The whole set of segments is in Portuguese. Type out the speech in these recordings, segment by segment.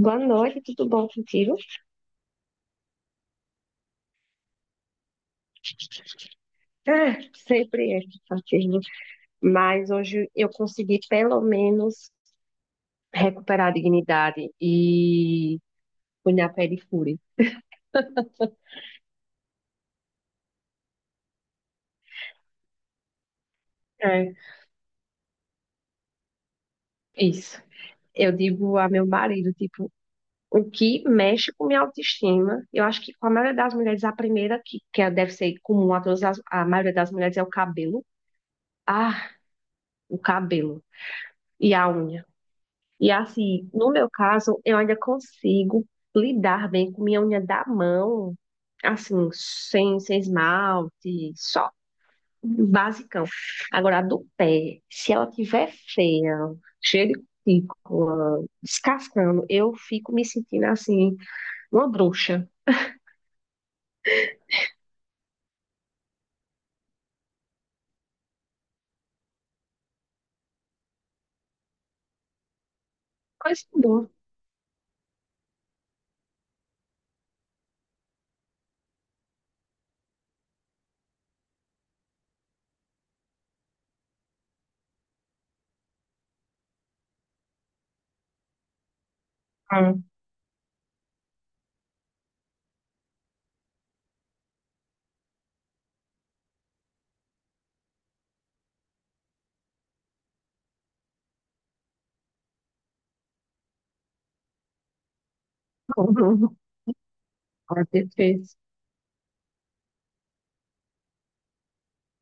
Boa noite, tudo bom contigo? Ah, sempre é cansativo, mas hoje eu consegui pelo menos recuperar a dignidade e fui na pedicure. É, isso. Eu digo a meu marido, tipo, o que mexe com minha autoestima, eu acho que com a maioria das mulheres, a primeira que é, deve ser comum a todas as, a maioria das mulheres é o cabelo. Ah, o cabelo e a unha. E assim, no meu caso, eu ainda consigo lidar bem com minha unha da mão, assim, sem esmalte, só basicão. Agora, a do pé, se ela tiver feia, cheia de cutícula, descascando, eu fico me sentindo assim, uma bruxa. Coisa boa. Ah, ah, perfeito.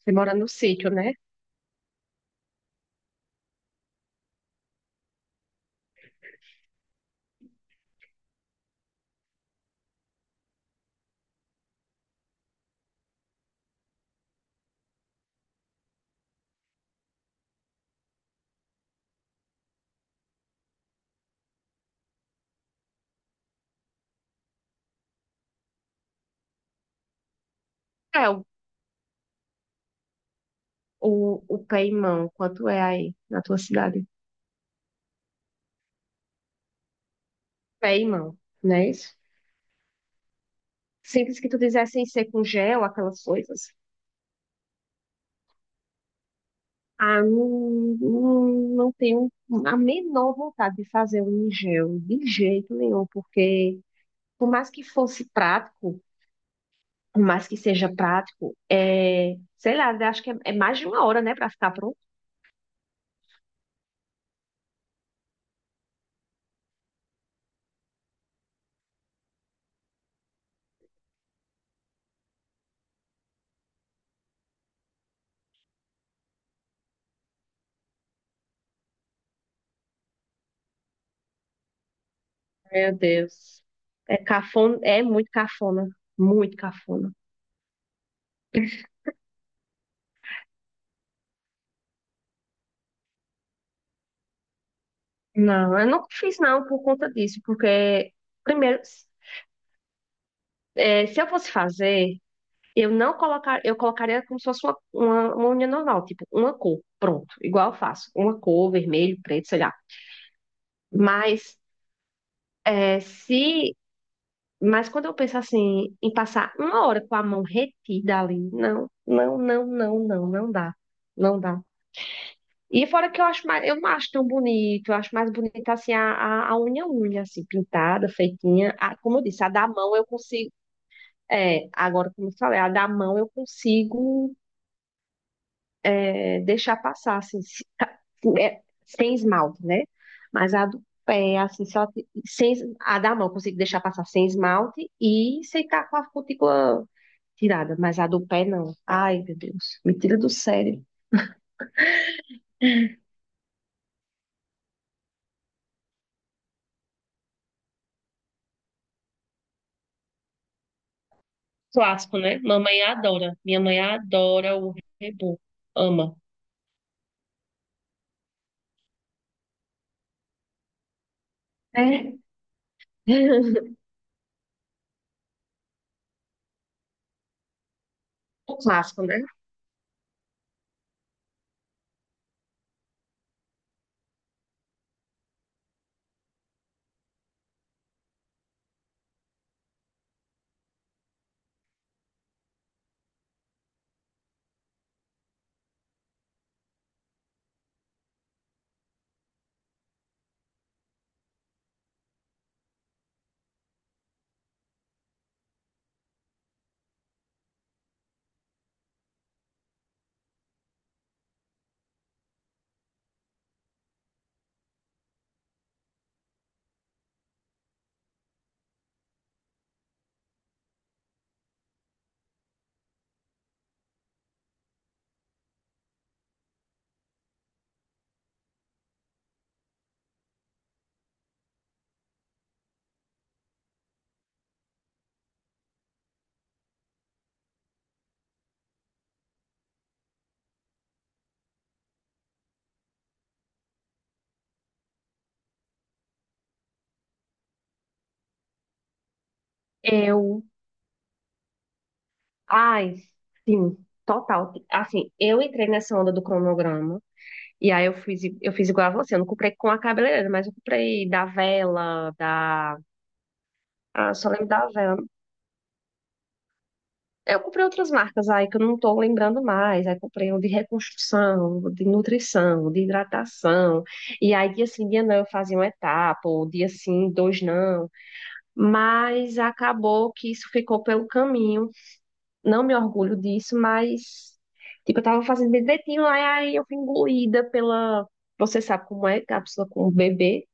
Você mora no sítio, né? É, o pé e mão, quanto é aí na tua cidade? Pé e mão, não é isso? Simples que tu dissesse ser com gel, aquelas coisas. Ah, não, não, não tenho a menor vontade de fazer um em gel, de jeito nenhum, porque por mais que fosse prático, por mais que seja prático, é, sei lá, acho que é mais de uma hora, né, pra ficar pronto. Meu Deus. É cafona, é muito cafona, muito cafona. Não, eu não fiz não por conta disso, porque primeiro, é, se eu fosse fazer Eu não colocar, eu colocaria como se fosse uma unha normal, tipo uma cor, pronto, igual eu faço, uma cor, vermelho, preto, sei lá. Mas é, se, mas quando eu penso assim em passar uma hora com a mão retida ali, não, não, não, não, não, não dá, não dá. E fora que eu acho mais, eu não acho tão bonito, eu acho mais bonita assim a unha assim pintada, feitinha. Como eu disse, a da mão eu consigo, é, agora como eu falei, a da mão eu consigo deixar passar, assim, tá, é, sem esmalte, né? Mas a do pé, assim, só te- sem, es- a da mão eu consigo deixar passar sem esmalte e secar com a cutícula tirada, mas a do pé não. Ai, meu Deus, me tira do sério. Clássico, né? Mamãe adora. Minha mãe adora o rebu. Ama. É. O clássico, né? Eu, ai, sim, total. Assim, eu entrei nessa onda do cronograma. E aí eu fiz igual a você. Eu não comprei com a cabeleireira, mas eu comprei da Vela, da. Ah, só lembro da Vela. Eu comprei outras marcas aí que eu não tô lembrando mais. Aí comprei um de reconstrução, um de nutrição, um de hidratação. E aí dia sim, dia não, eu fazia uma etapa, ou dia sim, dois não. Mas acabou que isso ficou pelo caminho. Não me orgulho disso, mas. Tipo, eu tava fazendo direitinho, aí eu fui engolida pela. Você sabe como é cápsula com o bebê.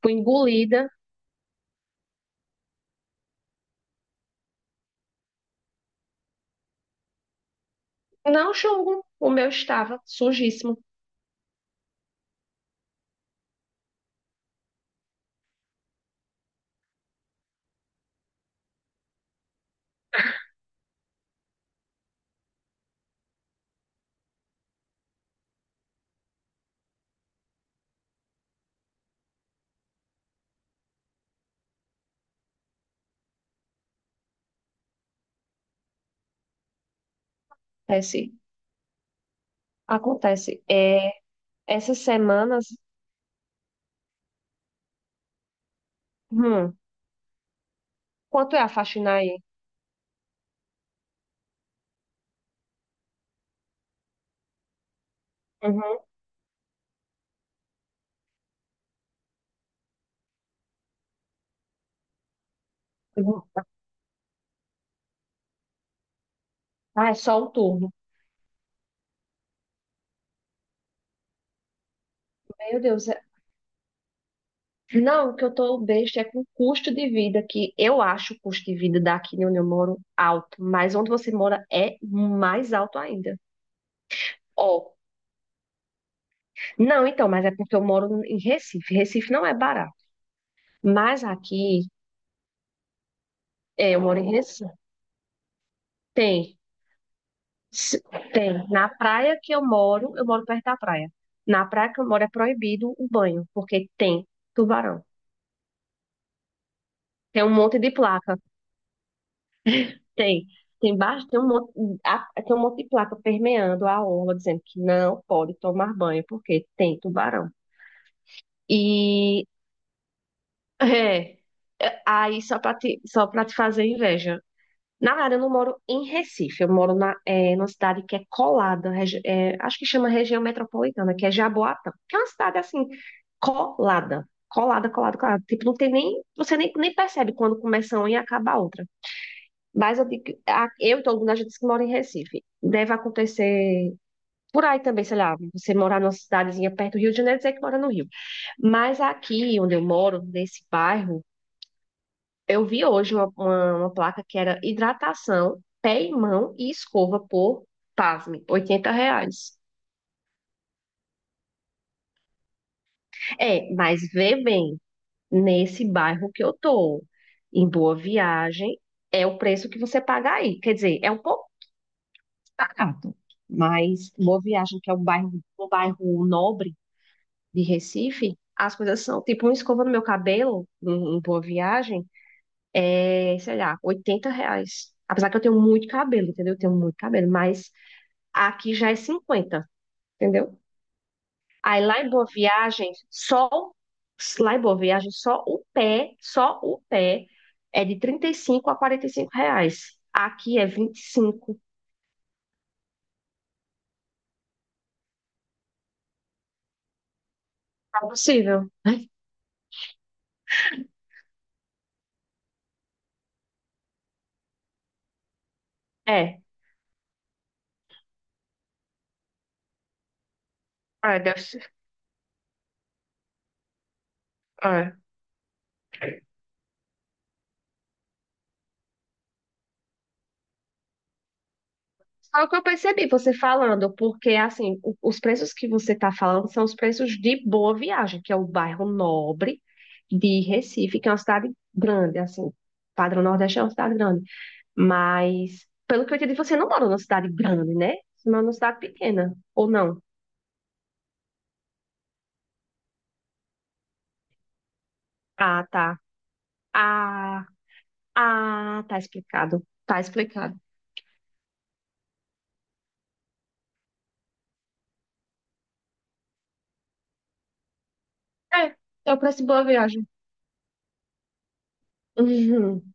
Fui engolida. Não julgo, o meu estava sujíssimo. Acontece, acontece. É, essas semanas, hum, quanto é a faxina aí? Uhum. Eu vou, Ah, é só um turno. Meu Deus, não, o que eu tô besta é com o custo de vida, que eu acho o custo de vida daqui onde eu moro alto, mas onde você mora é mais alto ainda. Ó, não, então, mas é porque eu moro em Recife. Recife não é barato. Mas aqui, eu moro em Recife. Tem. Se- Tem. Na praia que eu moro perto da praia. Na praia que eu moro é proibido o banho, porque tem tubarão. Tem um monte de placa. Tem. Tem baixo, tem um monte, tem um monte de placa permeando a orla, dizendo que não pode tomar banho, porque tem tubarão. E é, aí só para te fazer inveja. Na verdade, eu não moro em Recife, eu moro numa cidade que é colada, acho que chama região metropolitana, que é Jaboatão, que é uma cidade assim, colada, colada, colada, colada. Tipo, não tem nem, você nem, nem percebe quando começa uma e acaba a outra. Mas eu, eu e todo mundo, a gente que mora em Recife. Deve acontecer por aí também, sei lá, você morar numa cidadezinha perto do Rio de Janeiro, dizer que mora no Rio. Mas aqui onde eu moro, nesse bairro, eu vi hoje uma placa que era hidratação, pé e mão e escova por, pasme, R$ 80. É, mas vê bem, nesse bairro que eu tô, em Boa Viagem, é o preço que você paga aí. Quer dizer, é um pouco barato, mas Boa Viagem, que é um bairro nobre de Recife, as coisas são, tipo, uma escova no meu cabelo, em Boa Viagem, é, sei lá, R$ 80. Apesar que eu tenho muito cabelo, entendeu? Eu tenho muito cabelo, mas aqui já é 50, entendeu? Aí lá em Boa Viagem, só o pé é de R$ 35 a R$ 45. Aqui é 25. Tá possível? É. É, deve ser. É. Só o que eu percebi você falando, porque assim, os preços que você está falando são os preços de Boa Viagem, que é o bairro nobre de Recife, que é uma cidade grande, assim. Padrão Nordeste é uma cidade grande. Mas, pelo que eu entendi, você não mora numa cidade grande, né? Você mora numa cidade pequena, ou não? Ah, tá. Ah, ah, tá explicado. Tá explicado. É, eu preço boa viagem. Uhum.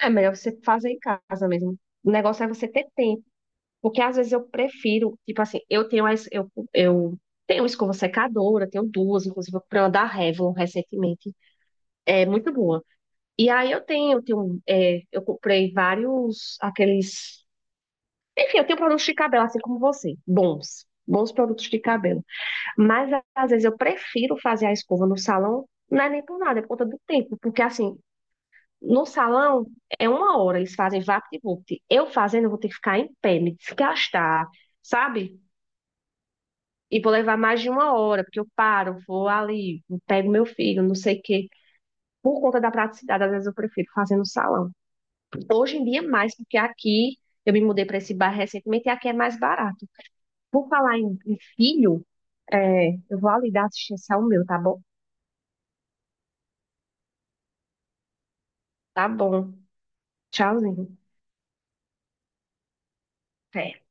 É melhor você fazer em casa mesmo. O negócio é você ter tempo. Porque às vezes eu prefiro, tipo assim, eu tenho escova secadora, tenho duas, inclusive eu comprei uma da Revlon recentemente. É muito boa. E aí eu comprei vários aqueles. Enfim, eu tenho produtos de cabelo, assim como você, bons, bons produtos de cabelo. Mas às vezes eu prefiro fazer a escova no salão, não é nem por nada, é por conta do tempo, porque assim, no salão é uma hora, eles fazem vapt-vupt. Eu fazendo, eu vou ter que ficar em pé, me desgastar, sabe? E vou levar mais de uma hora, porque eu paro, vou ali, pego meu filho, não sei o quê. Por conta da praticidade, às vezes eu prefiro fazer no salão. Hoje em dia, é mais, porque aqui eu me mudei para esse bairro recentemente e aqui é mais barato. Por falar em filho, eu vou ali dar assistência ao meu, tá bom? Tá bom. Tchauzinho. É.